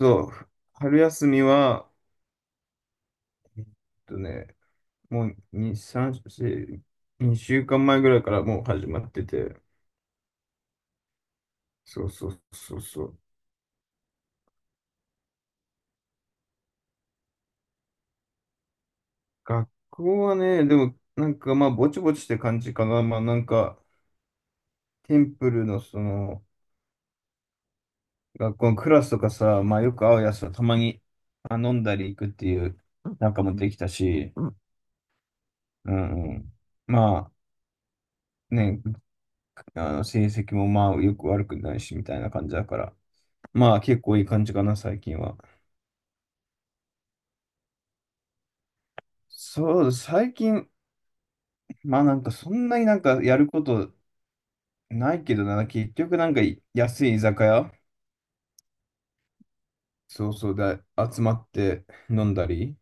そう、春休みは、えっとね、もう2、3、4、2週間前ぐらいからもう始まってて、そうそうそうそう。学校はね、でもなんかまあぼちぼちって感じかな。まあなんか、テンプルのその、学校のクラスとかさ、まあよく会うやつはたまに飲んだり行くっていう仲もできたし、うんうん。まあね、あの成績もまあよく悪くないしみたいな感じだから。まあ結構いい感じかな、最近は。そう、最近、まあなんかそんなになんかやることないけどな、結局なんか安い居酒屋、そうそうで集まって飲んだり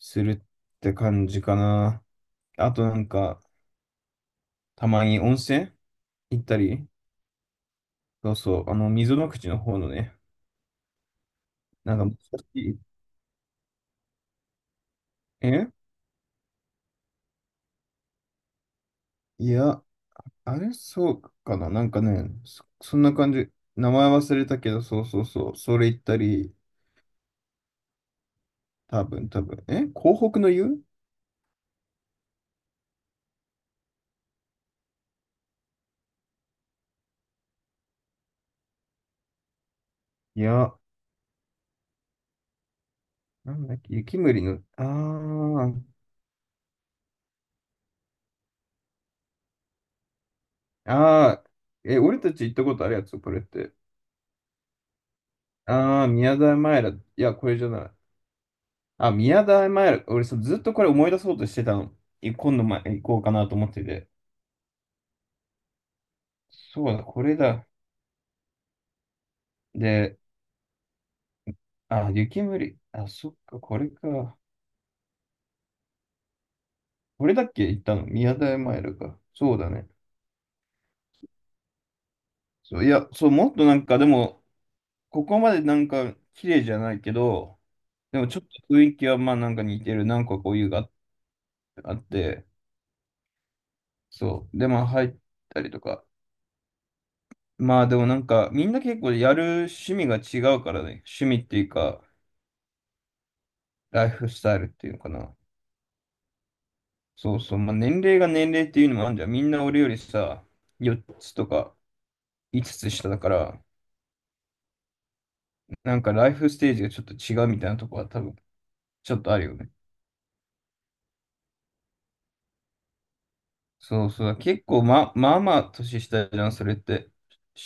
するって感じかな。あとなんか、たまに温泉行ったり、そうそう、あの、溝の口の方のね、なんかえいや、あれそうかな、なんかね、そんな感じ。名前忘れたけど、そうそうそう、それ行ったり、多分、多分。広北の湯、いや、なんだっけ、雪むりの、ああ、ああ、俺たち行ったことあるやつ、これって。ああ、宮台前ら、いや、これじゃない。あ、宮台前ら、俺そうずっとこれ思い出そうとしてたの。今度、ま、行こうかなと思ってて。そうだ、これだ。で、あ、雪むり、あ、そっか、これか。これだっけ行ったの宮台前らか。そうだね。そう、いや、そう、もっとなんか、でも、ここまでなんか、綺麗じゃないけど、でもちょっと雰囲気はまあなんか似てる。なんかこういうがあって、そう。で、まあ入ったりとか。まあでもなんかみんな結構やる趣味が違うからね。趣味っていうか、ライフスタイルっていうのかな。そうそう。まあ年齢が年齢っていうのもあるんじゃん。みんな俺よりさ、4つとか5つ下だから、なんかライフステージがちょっと違うみたいなとこは多分ちょっとあるよね。そうそう。結構まあまあ年下じゃん、それって。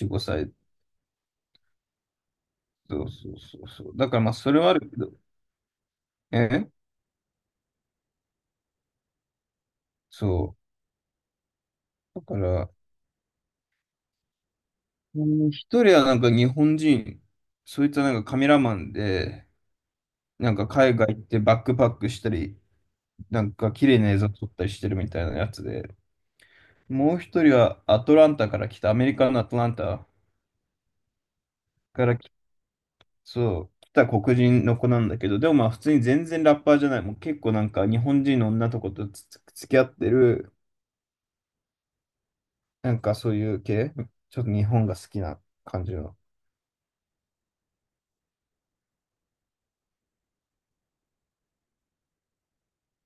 4、5歳。そうそうそうそう。だからまあそれはあるけど。えそう。だから、うん、一人はなんか日本人、そいつはなんかカメラマンで、なんか海外行ってバックパックしたり、なんか綺麗な映像撮ったりしてるみたいなやつで、もう一人はアトランタから来た、アメリカのアトランタから来、そう、来た黒人の子なんだけど、でもまあ普通に全然ラッパーじゃない、もう結構なんか日本人の女の子と付き合ってる、なんかそういう系、ちょっと日本が好きな感じの。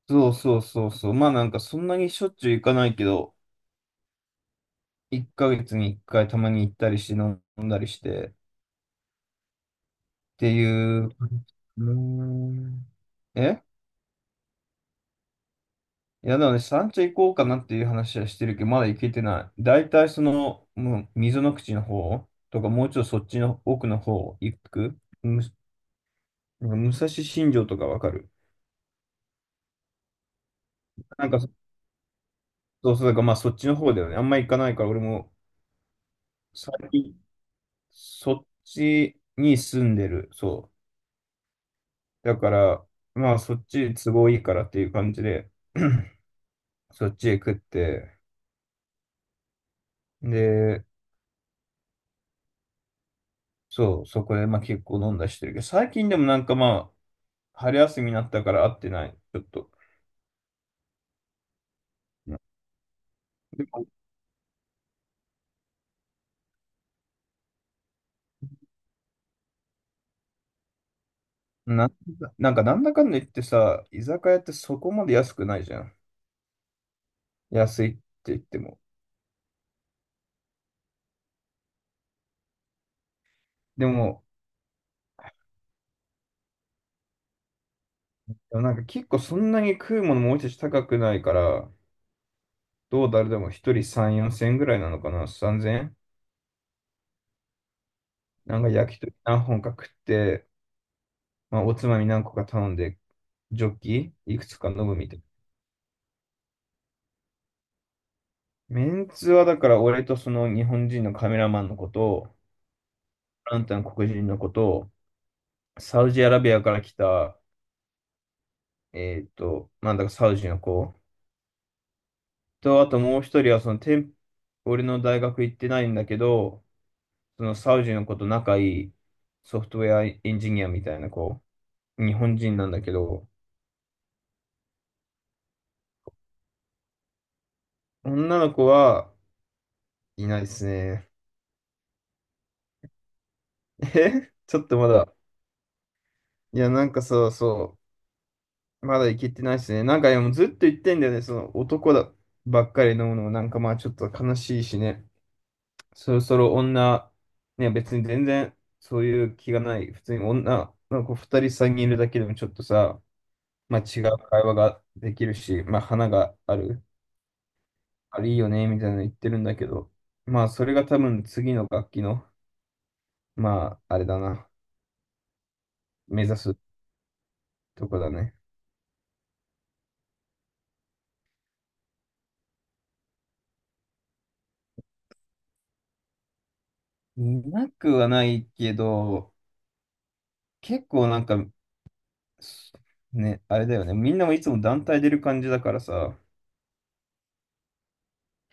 そうそうそうそう。まあなんかそんなにしょっちゅう行かないけど、1ヶ月に1回たまに行ったりして飲んだりしてっていう。うーん。えいやだね、三茶行こうかなっていう話はしてるけど、まだ行けてない。だいたいその、もう溝の口の方とか、もうちょっとそっちの奥の方行くなんか武蔵新城とかわかる、なんかそうそう、だからまあそっちの方だよね。あんま行かないから、俺も最近、そっちに住んでる。そう。だから、まあそっち都合いいからっていう感じで、そっちへ食って、で、そう、そこでまあ結構飲んだりしてるけど、最近でもなんかまあ、春休みになったから会ってない、ちょっと。でも、なんだ、なんかなんだかんだ言ってさ、居酒屋ってそこまで安くないじゃん。安いって言っても。でも、なんか結構そんなに食うものもう一つ高くないから、誰でも一人3、4千円ぐらいなのかな、3千円、なんか焼き鳥何本か食って、まあ、おつまみ何個か頼んで、ジョッキいくつか飲むみたいな。メンツはだから俺とその日本人のカメラマンのこと、あんたの黒人のこと、サウジアラビアから来た、なんだかサウジの子と、あともう一人はその店、俺の大学行ってないんだけど、そのサウジの子と仲いいソフトウェアエンジニアみたいな子、日本人なんだけど、女の子はいないですね。ちょっとまだ。いや、なんかさ、そう、まだいけてないですね。なんかでもずっと言ってんだよね。その男ばっかり飲むのもなんかまあちょっと悲しいしね。そろそろ女、ね、別に全然そういう気がない。普通に女の子2人3人いるだけでもちょっとさ、まあ違う会話ができるし、まあ花がある。あれいいよね、みたいなの言ってるんだけど。まあそれが多分次の楽器の、まああれだな。目指すとこだね。いなくはないけど、結構なんかね、あれだよね。みんなもいつも団体出る感じだからさ、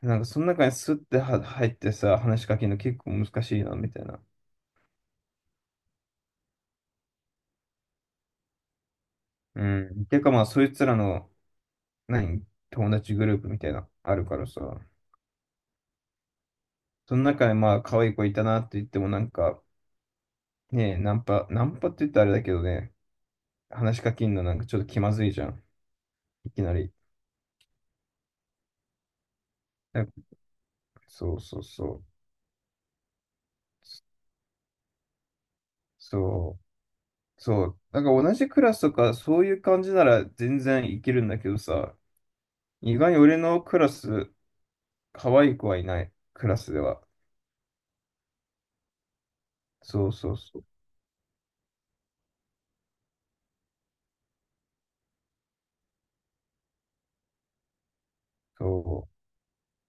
なんかその中にスッては入ってさ、話しかけるの結構難しいな、みたいな。うん。てかまあ、そいつらの、何、友達グループみたいな、あるからさ、その中にまあ、可愛い子いたなって言ってもなんか、ねえ、ナンパ、ナンパって言ったらあれだけどね、話しかけるのなんかちょっと気まずいじゃん。いきなり。だそうそうそう。そう。そう。なんか同じクラスとかそういう感じなら全然いけるんだけどさ、意外に俺のクラス、可愛い子はいない、クラスでは。そうそうそう。そ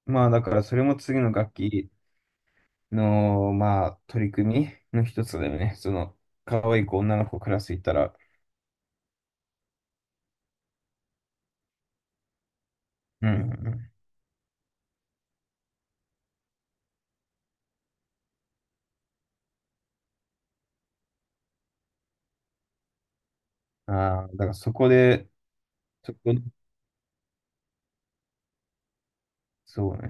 う。まあだからそれも次の楽器の、まあ取り組みの一つだよね。その、可愛い子、女の子クラスいたら。うん。ああ、だからそこで、そこ、そうね。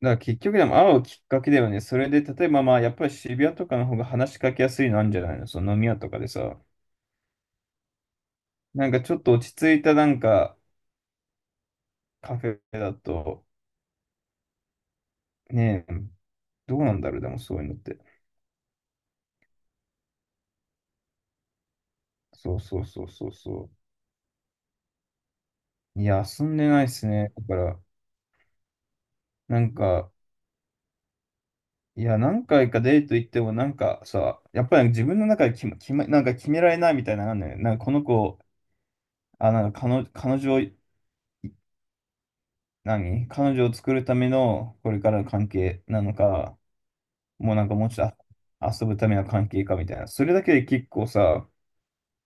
だから結局でも会うきっかけだよね。それで、例えばまあやっぱり渋谷とかの方が話しかけやすいのあるんじゃないの、その飲み屋とかでさ。なんかちょっと落ち着いたなんかカフェだと、ねえ、どうなんだろう、でもそういうのって。そうそうそうそうそう。いや、遊んでないですね。だから、なんか、いや、何回かデート行っても、なんかさ、やっぱり自分の中で決ま、決ま、なんか決められないみたいなのあるのよ。なんかこの子、あ、なんか彼女を、彼女を作るためのこれからの関係なのか、もうなんかもうちょっと遊ぶための関係かみたいな。それだけで結構さ、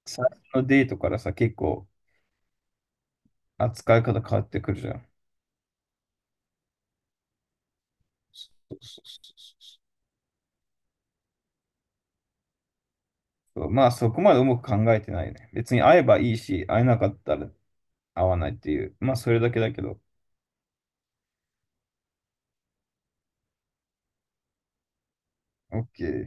最初のデートからさ、結構扱い方変わってくるじゃん。そうそうそうそう、まあそこまで重く考えてないね。別に会えばいいし、会えなかったら会わないっていう。まあそれだけだけど。OK。